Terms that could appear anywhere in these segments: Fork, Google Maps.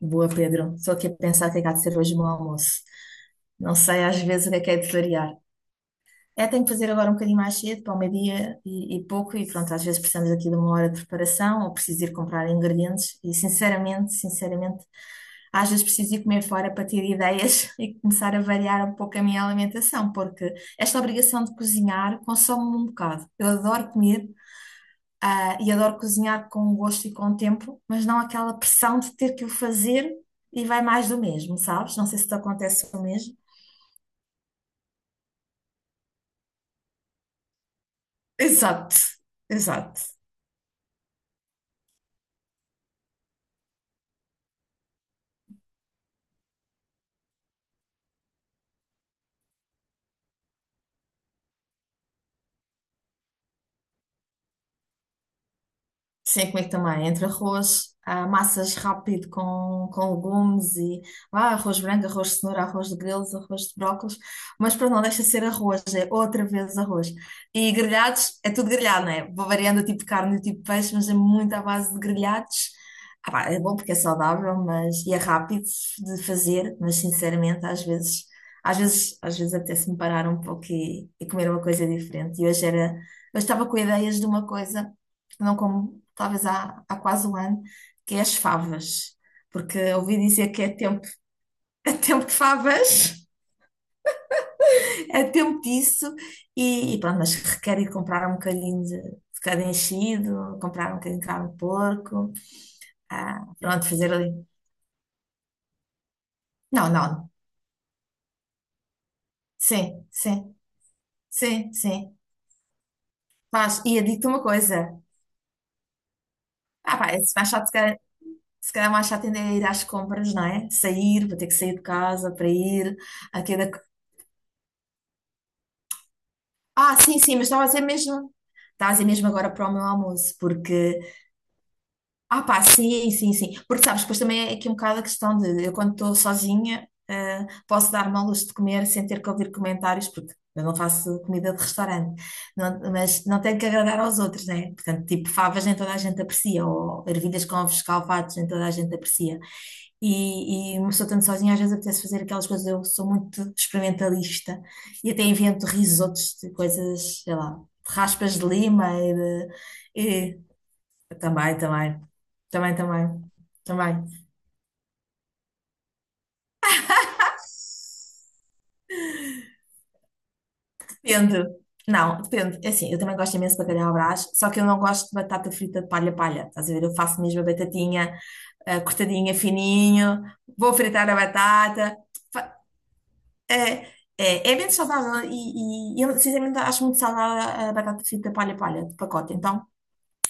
Boa, Pedro. Estou aqui a pensar o que é que há de ser hoje o meu almoço. Não sei às vezes o que é de variar. É, tenho que fazer agora um bocadinho mais cedo, para o meio-dia e pouco, e pronto, às vezes precisamos aqui de uma hora de preparação ou preciso ir comprar ingredientes. E sinceramente, sinceramente, às vezes preciso ir comer fora para ter ideias e começar a variar um pouco a minha alimentação, porque esta obrigação de cozinhar consome-me um bocado. Eu adoro comer, e adoro cozinhar com gosto e com tempo, mas não aquela pressão de ter que o fazer e vai mais do mesmo, sabes? Não sei se te acontece o mesmo. Exato, exato. Sei como é que também, entre arroz, massas rápido com legumes e arroz branco, arroz de cenoura, arroz de grelos, arroz de brócolos, mas pronto, não deixa de ser arroz, é outra vez arroz. E grelhados, é tudo grelhado, não é? Vou variando o tipo de carne e o tipo de peixe, mas é muito à base de grelhados. Ah pá, é bom porque é saudável, mas e é rápido de fazer, mas sinceramente, às vezes, às vezes apetece-me parar um pouco e comer uma coisa diferente. E hoje era, eu estava com ideias de uma coisa não como talvez há quase um ano, que é as favas. Porque ouvi dizer que é tempo, é tempo de favas, é tempo disso, e pronto, mas requer ir comprar um bocadinho de cada enchido, comprar um bocadinho de carne de porco, pronto, fazer ali. Não, não, sim, sim, sim, sim. Faz. E eu digo-te uma coisa: ah pá, é mais chato, se calhar, se calhar mais chato ainda é ir às compras, não é? Sair, vou ter que sair de casa para ir, aqui. Ah, sim, sim, mas estava a dizer mesmo. Estava a dizer mesmo agora para o meu almoço, porque. Ah pá, sim, sim, sim. Porque sabes, depois também é aqui um bocado a questão de eu, quando estou sozinha, posso dar-me ao luxo de comer sem ter que ouvir comentários, porque eu não faço comida de restaurante. Mas não tenho que agradar aos outros, né? Portanto, tipo, favas nem toda a gente aprecia, ou ervilhas com ovos escalfados nem toda a gente aprecia. E uma pessoa estando sozinha às vezes apetece fazer aquelas coisas. Eu sou muito experimentalista e até invento risotos de coisas, sei lá, de raspas de lima de, e também, também, também, também. Depende. Não, depende. É assim, eu também gosto imenso de bacalhau à Brás, só que eu não gosto de batata frita de palha-palha. Estás a ver? Eu faço mesmo a batatinha cortadinha fininho, vou fritar a batata. É, é bem saudável e eu sinceramente acho muito saudável a batata frita palha-palha de pacote, então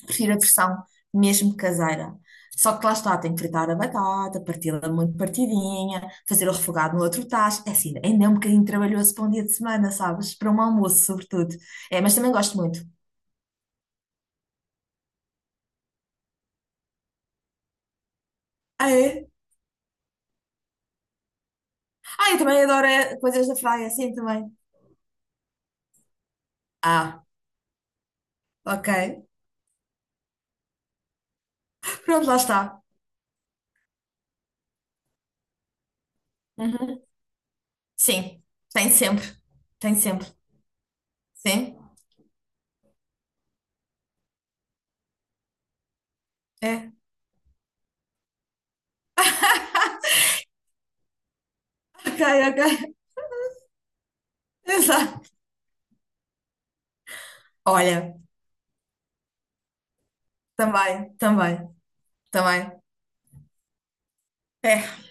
prefiro a versão mesmo caseira. Só que lá está, tem que fritar a batata, parti-la muito partidinha, fazer o refogado no outro tacho. É assim, ainda é um bocadinho trabalhoso para um dia de semana, sabes? Para um almoço, sobretudo. É, mas também gosto muito. Ah, é? Ah, eu também adoro é coisas da praia, assim também. Ah, ok. Pronto, lá está. Uhum. Sim, tem sempre. Tem sempre. Sim, é. Ok, ok. Exato. Olha, também, também, também. É.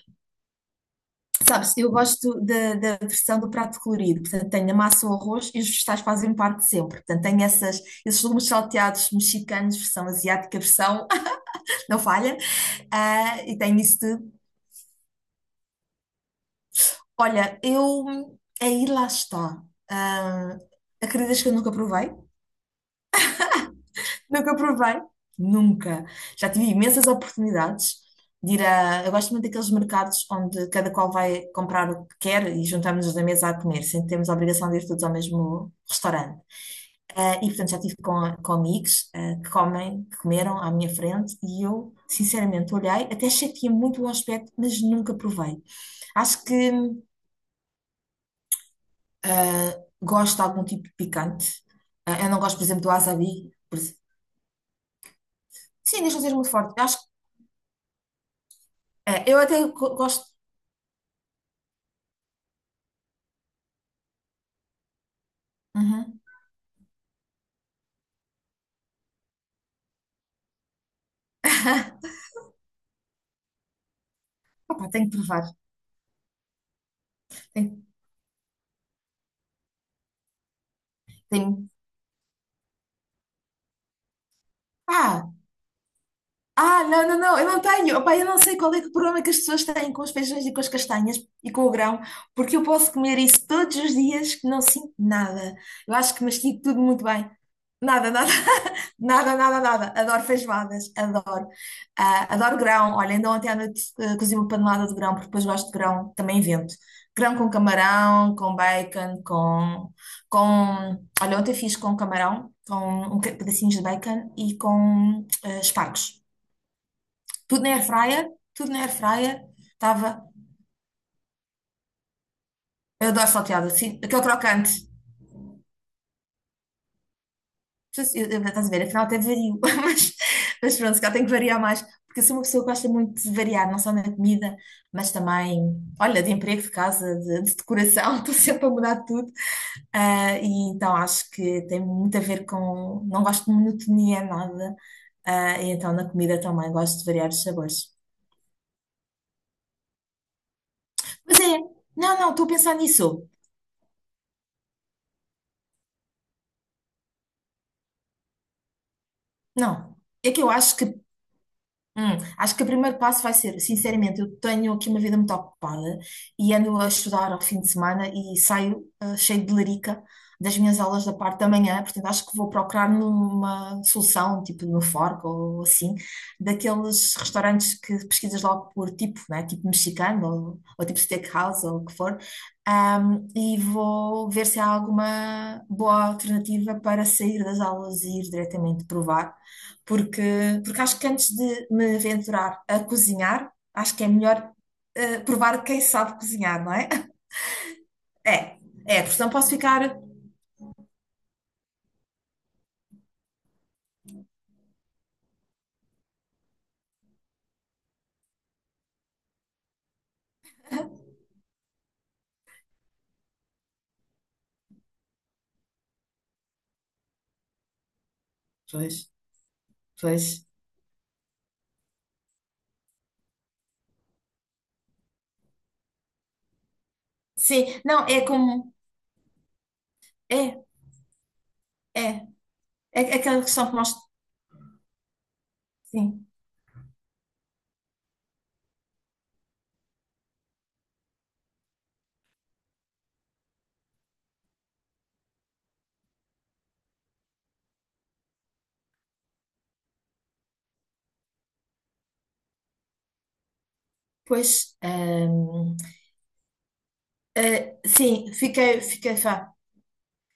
Sabes, eu gosto da, da versão do prato colorido. Portanto, tenho a massa o arroz e os vegetais fazem parte sempre. Portanto, esses legumes salteados mexicanos, versão asiática, versão não falha. Ah, e tenho isso tudo. Olha, eu. Aí lá está. Ah, acreditas que eu nunca provei? Nunca provei, nunca. Já tive imensas oportunidades de ir a. Eu gosto muito daqueles mercados onde cada qual vai comprar o que quer e juntamos-nos na mesa a comer, sem termos a obrigação de ir todos ao mesmo restaurante. E portanto já tive com amigos que comeram à minha frente e eu, sinceramente, olhei, até achei que tinha muito bom aspecto, mas nunca provei. Acho que eh, gosto de algum tipo de picante. Eu não gosto, por exemplo, do wasabi. Sim, deixa eu ser muito forte. Eu acho que é, eu até gosto. Uhum. Opa, tenho que provar. Tenho, tenho. Ah, ah, não, não, não, eu não tenho. Opa, eu não sei qual é que é o problema que as pessoas têm com os feijões e com as castanhas e com o grão, porque eu posso comer isso todos os dias que não sinto nada. Eu acho que mastigo tudo muito bem. Nada, nada. Nada, nada, nada. Adoro feijoadas, adoro. Ah, adoro grão. Olha, ainda ontem à noite cozi uma panelada de grão, porque depois gosto de grão, também invento. Grão com camarão, com bacon, Olha, ontem fiz com camarão, com pedacinhos de bacon e com espargos. Tudo na airfryer, tudo na airfryer. Estava... Eu adoro salteado, assim, aquele crocante. Eu, estás a ver, afinal até vario, mas pronto, se calhar tenho que variar mais, porque eu sou uma pessoa que gosta muito de variar, não só na comida, mas também, olha, de emprego, de casa, de decoração, estou sempre a mudar tudo. Ah, e então acho que tem muito a ver com, não gosto de monotonia, nada. Ah, e então na comida também gosto de variar os sabores. Mas é, não, não, estou a pensar nisso. Não, é que eu acho que. Acho que o primeiro passo vai ser, sinceramente, eu tenho aqui uma vida muito ocupada e ando a estudar ao fim de semana e saio cheio de larica das minhas aulas da parte da manhã, portanto acho que vou procurar numa solução, tipo no Fork ou assim, daqueles restaurantes que pesquisas logo por tipo, né? Tipo mexicano ou tipo steakhouse ou o que for. E vou ver se há alguma boa alternativa para sair das aulas e ir diretamente provar, porque, porque acho que antes de me aventurar a cozinhar, acho que é melhor provar quem sabe cozinhar, não é? É, é, porque não posso ficar. Pois, pois. Sim, não, é como. É, é. É aquela questão que nós. Sim, pois. Hum, fiquei fã.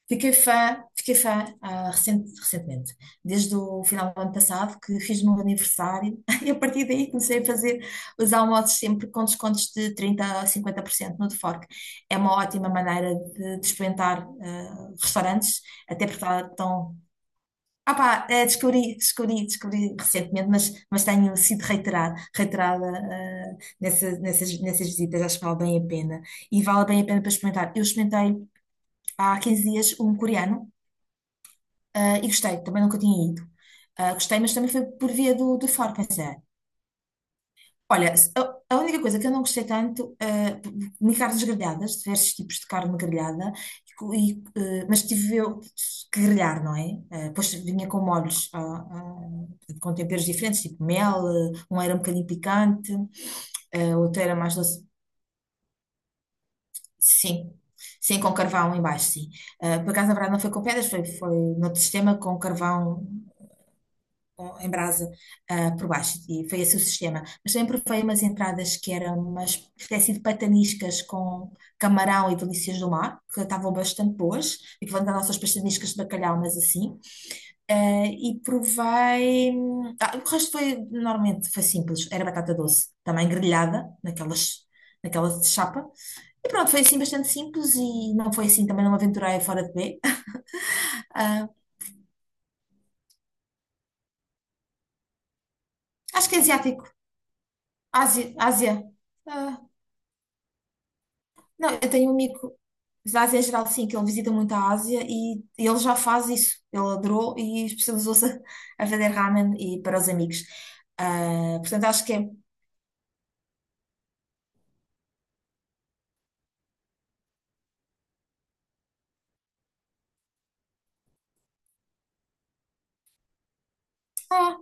Fiquei fã recentemente, desde o final do ano passado, que fiz o meu aniversário, e a partir daí comecei a fazer os almoços sempre com descontos de 30 a 50% no Fork. É uma ótima maneira de experimentar restaurantes, até porque lá estão. Ah pá, descobri recentemente, mas tenho sido reiterada, reiterada nessas visitas, acho que vale bem a pena. E vale bem a pena para experimentar. Eu experimentei há 15 dias um coreano. Ah, e gostei, também nunca tinha ido. Ah, gostei, mas também foi por via do, do fora, pensei. Olha, a única coisa que eu não gostei tanto, ah, comi carnes grelhadas, diversos tipos de carne grelhada, mas tive eu que grelhar, não é? Ah, depois vinha com molhos, com temperos diferentes, tipo mel, um era um bocadinho picante, ah, outro era mais doce. Sim, sim, com carvão em baixo, sim. Ah, por acaso, na verdade, não foi com pedras, foi no sistema com carvão em brasa por baixo e foi esse o sistema. Mas também provei umas entradas que eram umas espécie de pataniscas com camarão e delícias do mar, que estavam bastante boas, e que equivalente às nossas pataniscas de bacalhau, mas assim. Ah, e provei. Ah, o resto foi, normalmente, foi simples. Era batata doce, também grelhada, naquelas, naquela chapa. E pronto, foi assim bastante simples e não foi assim, também não me aventurei fora de B. Ah, acho que é asiático. Ásia, Ásia. Ah, não, eu tenho um amigo da Ásia Geral, sim, que ele visita muito a Ásia e ele já faz isso. Ele adorou e especializou-se a vender ramen e para os amigos. Ah, portanto, acho que é. ah,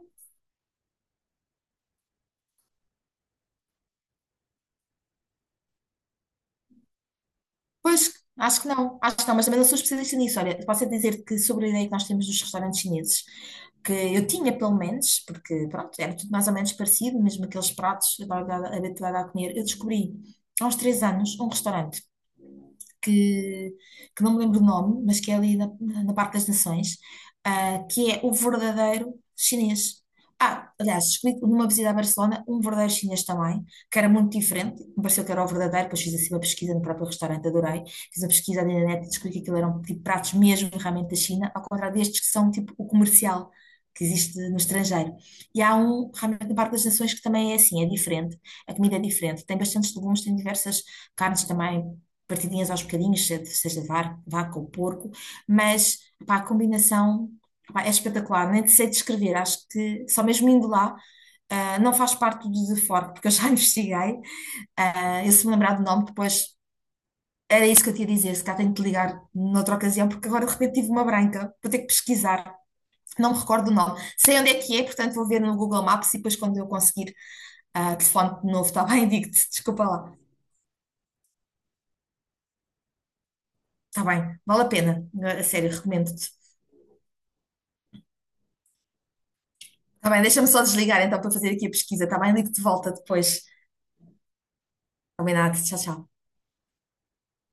Pois, acho que não, mas também não sou especialista nisso. Olha, posso é dizer que sobre a ideia que nós temos dos restaurantes chineses, que eu tinha pelo menos, porque pronto, era tudo mais ou menos parecido, mesmo aqueles pratos que eu estava habituada a comer, eu descobri há uns 3 anos um restaurante que, que não me lembro o nome, mas que é ali na, na Parque das Nações, ah, que é o verdadeiro chinês. Ah, aliás, descobri numa visita a Barcelona um verdadeiro chinês também, que era muito diferente, me pareceu que era o verdadeiro, depois fiz assim uma pesquisa no próprio restaurante, adorei, fiz uma pesquisa ali na net e descobri que aquilo eram tipo pratos mesmo realmente da China, ao contrário destes que são tipo o comercial que existe no estrangeiro. E há um, realmente, no Parque das Nações que também é assim, é diferente, a comida é diferente, tem bastantes legumes, tem diversas carnes também, partidinhas aos bocadinhos, seja de vaca ou porco, mas pá, a combinação pá, é espetacular, nem sei descrever, acho que só mesmo indo lá não faz parte do deforme, porque eu já investiguei. Ah, eu se me lembrar do nome, depois era isso que eu tinha a dizer. Se calhar tenho que te ligar noutra ocasião, porque agora de repente tive uma branca. Vou ter que pesquisar, não me recordo o nome. Sei onde é que é, portanto vou ver no Google Maps e depois quando eu conseguir telefone de novo, está bem? Digo-te, desculpa lá. Está bem, vale a pena. A sério, recomendo-te. Está bem, deixa-me só desligar então para fazer aqui a pesquisa, está bem? Ligo-te de volta depois. Combinado, tchau, tchau.